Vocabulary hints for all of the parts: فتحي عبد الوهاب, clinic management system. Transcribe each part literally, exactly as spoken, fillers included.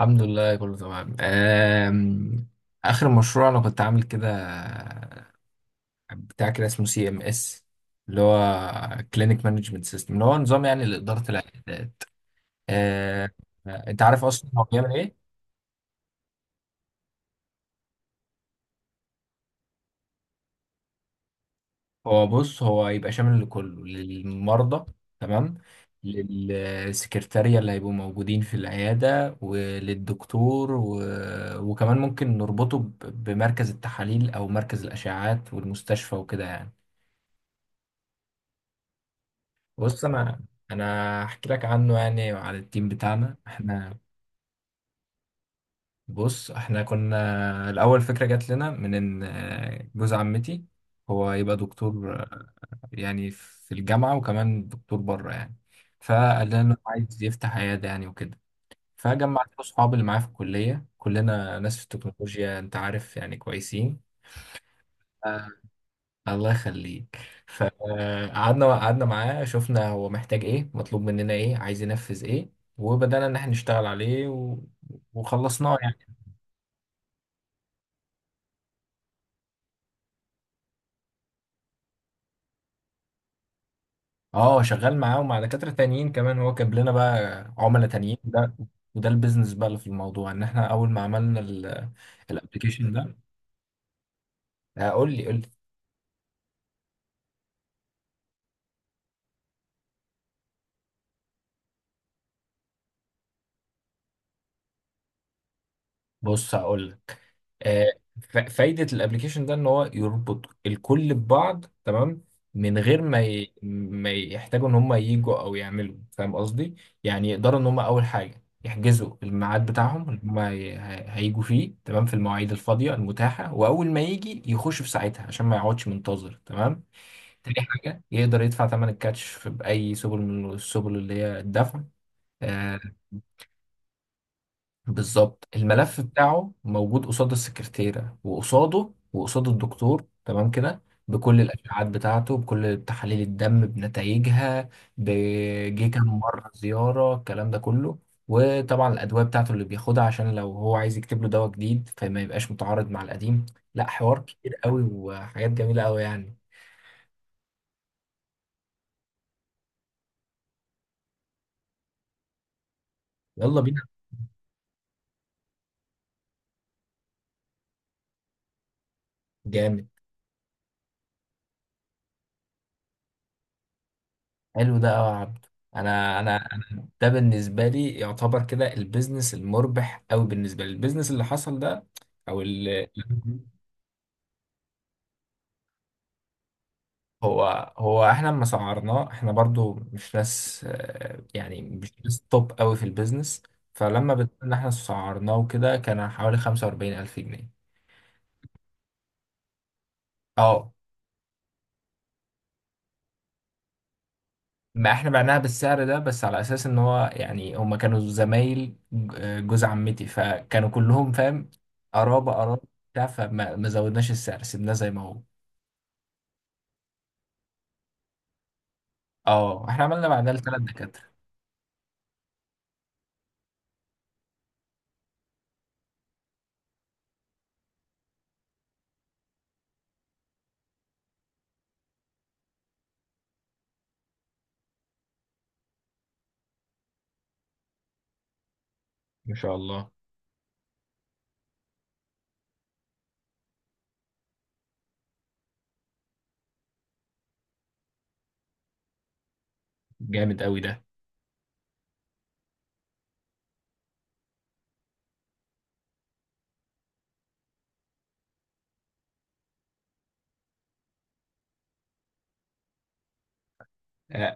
الحمد لله كله تمام. آم، اخر مشروع انا كنت عامل كده بتاع كده اسمه سي ام اس. اللي هو كلينيك مانجمنت سيستم، اللي هو نظام يعني لاداره العيادات. آه، انت عارف اصلا هو بيعمل ايه؟ هو بص، هو يبقى شامل لكله، للمرضى، تمام. للسكرتارية اللي هيبقوا موجودين في العيادة وللدكتور و... وكمان ممكن نربطه ب- بمركز التحاليل أو مركز الأشعاعات والمستشفى وكده يعني. بص، انا انا احكي لك عنه يعني وعلى التيم بتاعنا احنا. بص، احنا كنا الاول فكره جات لنا من ان آه، جوز عمتي. هو يبقى دكتور، آه، يعني في الجامعه وكمان دكتور بره يعني. فقال لنا انه عايز يفتح عياده يعني وكده. فجمعت له اصحابي اللي معاه في الكليه، كلنا ناس في التكنولوجيا، انت عارف يعني، كويسين. آه، الله يخليك. فقعدنا قعدنا معاه، شفنا هو محتاج ايه، مطلوب مننا ايه، عايز ينفذ ايه. وبدأنا ان احنا نشتغل عليه و... وخلصناه يعني. اه، شغال معاه ومع دكاترة تانيين كمان. هو جاب لنا بقى عملاء تانيين ده. وده البيزنس بقى اللي في الموضوع، ان احنا اول ما عملنا الابلكيشن ده. آه، قول لي قول لي. بص، هقول لك. آه، ف- فايدة الابليكيشن ده ان هو يربط الكل ببعض، تمام. من غير ما ي... ما يحتاجوا ان هم ييجوا او يعملوا، فاهم قصدي؟ يعني يقدروا ان هم اول حاجة يحجزوا الميعاد بتاعهم اللي هم هي- هي- هيجوا فيه، تمام، في المواعيد الفاضية المتاحة. واول ما يجي يخش في ساعتها عشان ما يقعدش منتظر، تمام. تاني حاجة، يقدر يدفع ثمن الكاتش في بأي سبل من السبل اللي هي الدفع. آه، بالظبط. الملف بتاعه موجود قصاد السكرتيرة وقصاده وقصاد الدكتور، تمام كده. بكل الأشعاعات بتاعته، بكل تحاليل الدم بنتائجها. بجه كام مرة زيارة، الكلام ده كله. وطبعا الأدوية بتاعته اللي بياخدها، عشان لو هو عايز يكتب له دواء جديد فما يبقاش متعارض مع القديم. لا، حوار كتير قوي وحاجات جميلة قوي يعني. يلا بينا. جامد. حلو ده قوي يا عبد. انا انا انا ده بالنسبه لي يعتبر كده البيزنس المربح قوي بالنسبه لي، البيزنس اللي حصل ده. او اللي هو هو احنا لما سعرناه، احنا برضو مش ناس، آه، يعني مش ناس توب قوي في البيزنس. فلما بدأنا احنا سعرناه وكده، كان حوالي خمسة وأربعين ألف جنيه. اه، ما احنا بعناها بالسعر ده بس على اساس ان هو يعني هما كانوا زمايل، ج- جوز عمتي فكانوا كلهم فاهم. قرابة قرابة. بتاع، فما ما زودناش السعر، سيبناه زي ما هو. اه، احنا عملنا بعدها لثلاث دكاترة. ما شاء الله. جامد قوي ده. آه،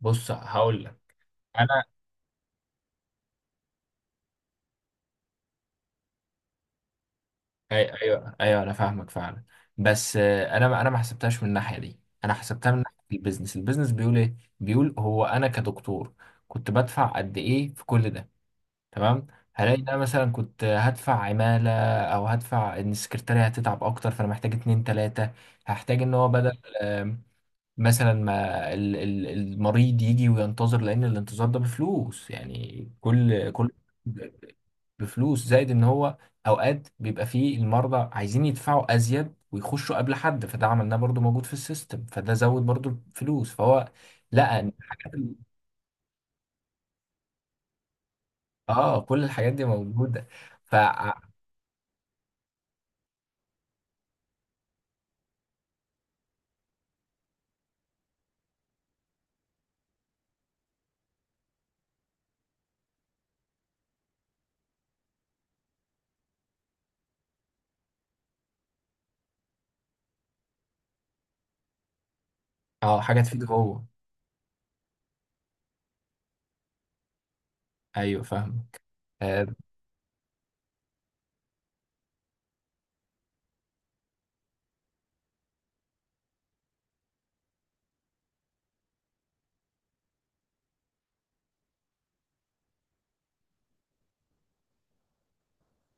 بص هقول لك. انا أي- ايوه ايوه، انا فاهمك فعلا. بس آه، انا ما انا ما حسبتهاش من الناحية دي. انا حسبتها من ناحية البيزنس. البيزنس بيقول ايه؟ بيقول هو انا كدكتور كنت بدفع قد ايه في كل ده، تمام. هلاقي إن انا مثلا كنت هدفع عمالة، او هدفع ان السكرتارية هتتعب اكتر فانا محتاج اتنين تلاتة. هحتاج ان هو بدل، آم، مثلا ما ال- ال- المريض يجي وينتظر، لان الانتظار ده بفلوس يعني. كل كل. بفلوس، زائد ان هو اوقات بيبقى فيه المرضى عايزين يدفعوا ازيد ويخشوا قبل حد، فده عملناه برضو موجود في السيستم، فده زود برضو الفلوس، فهو. لا، إن الحاجات ال- اه كل الحاجات دي موجودة. ف، اه، حاجة تفيد هو. ايوه، فاهمك. آه،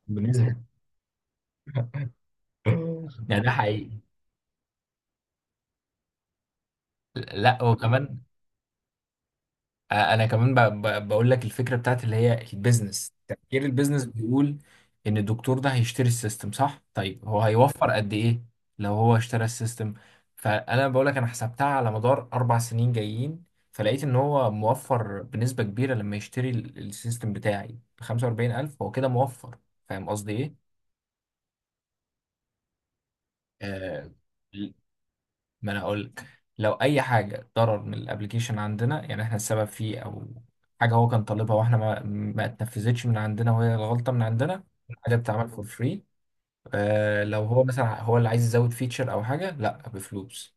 بالنسبه يعني ده حقيقي. لا، وكمان. آه، انا كمان ب- ب- بقول لك الفكره بتاعت اللي هي البيزنس، تفكير البيزنس بيقول ان الدكتور ده هيشتري السيستم، صح؟ طيب هو هيوفر قد ايه لو هو اشترى السيستم؟ فانا بقول لك انا حسبتها على مدار اربع سنين جايين. فلقيت ان هو موفر بنسبه كبيره لما يشتري ال- السيستم بتاعي ب خمسة وأربعين ألف، هو كده موفر. فاهم قصدي ايه؟ آه، ما انا اقول لك. لو اي حاجه ضرر من الابليكيشن عندنا يعني احنا السبب فيه، او حاجه هو كان طالبها واحنا ما ما اتنفذتش من عندنا وهي الغلطه من عندنا، الحاجه بتتعمل فور فري. آه، لو هو مثلا هو اللي عايز يزود فيتشر او حاجه، لا، بفلوس.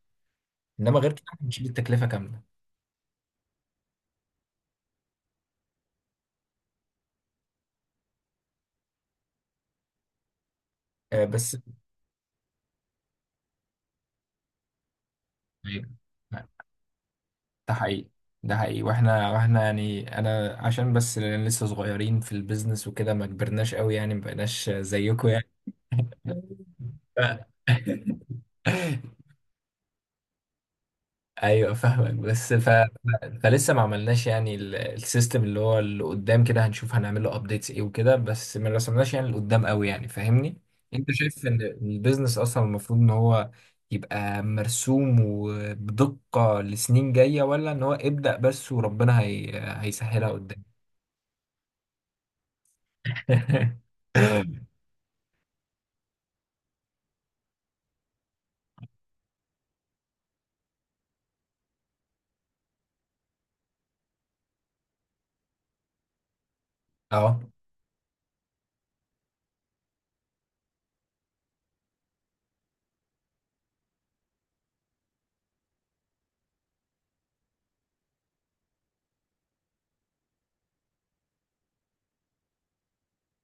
انما غير كده احنا بنشيل التكلفه كامله. آه. بس. أيوة. ده حقيقي. ده حقيقي. واحنا واحنا يعني، انا عشان بس لسه صغيرين في البيزنس وكده، ما كبرناش قوي يعني، ما بقيناش زيكم يعني. ف- ايوه، فاهمك. بس ف... ف- فلسه ما عملناش يعني ال- السيستم اللي هو اللي قدام كده، هنشوف هنعمل له ابديتس ايه وكده. بس ما رسمناش يعني اللي قدام قوي، يعني فاهمني؟ انت شايف ان البيزنس اصلا المفروض ان هو يبقى مرسوم وبدقة لسنين جاية، ولا ان هو ابدأ بس وربنا هي... هيسهلها قدام؟ اه.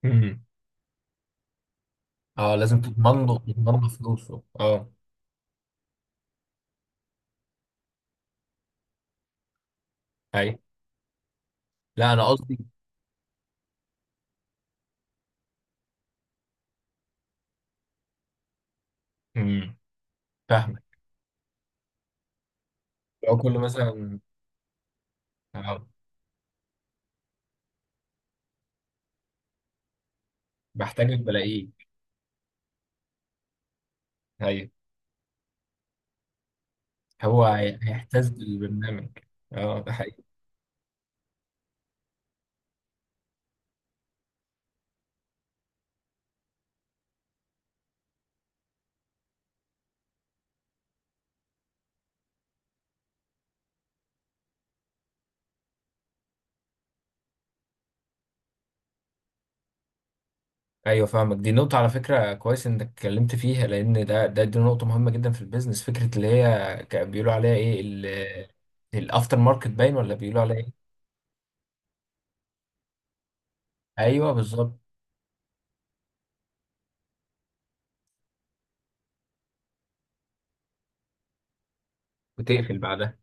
أمم. اه، لازم تضمن له تضمن له فلوسه، اه. اي، لا، انا قصدي. أمم. فاهمك. لو كله مثلا. آه. بحتاجك بلاقيك. ايوه، هو هي- هيحتاج بالبرنامج. اه، ده حقيقي. ايوه، فاهمك. دي نقطة على فكرة، كويس انك اتكلمت فيها، لان ده ده دي نقطة مهمة جدا في البيزنس، فكرة اللي هي ك- بيقولوا عليها ايه، ال- الافتر ماركت باين، ولا بيقولوا عليها ايه؟ ايوه، بالظبط. وتقفل بعدها.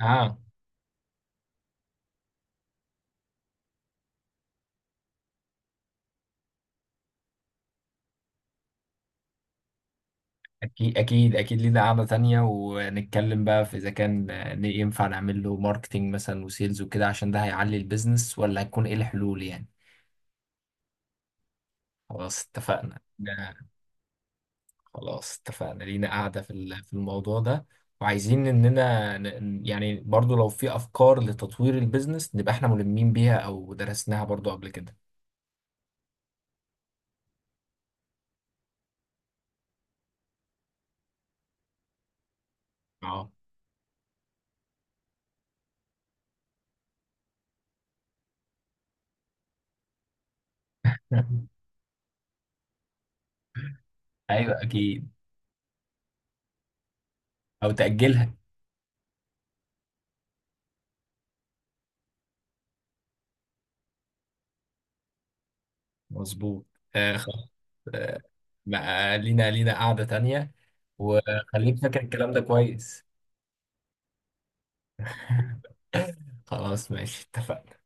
اه، اكيد اكيد اكيد. لينا قعدة تانية ونتكلم بقى في اذا كان ن- ينفع نعمل له ماركتينج مثلا وسيلز وكده، عشان ده هيعلي البيزنس، ولا هيكون ايه الحلول يعني. خلاص، اتفقنا. خلاص، اتفقنا. لينا قاعدة في ال- في الموضوع ده. وعايزين إننا ن- يعني برضو لو في أفكار لتطوير البيزنس، نبقى إحنا ملمين بيها أو درسناها برضو قبل كده. اه. أيوة أكيد. أو تأجلها. مظبوط. آه، خلاص. آه. ما- لينا لينا قاعدة تانية. وخليك فاكر الكلام ده كويس. خلاص، ماشي، اتفقنا.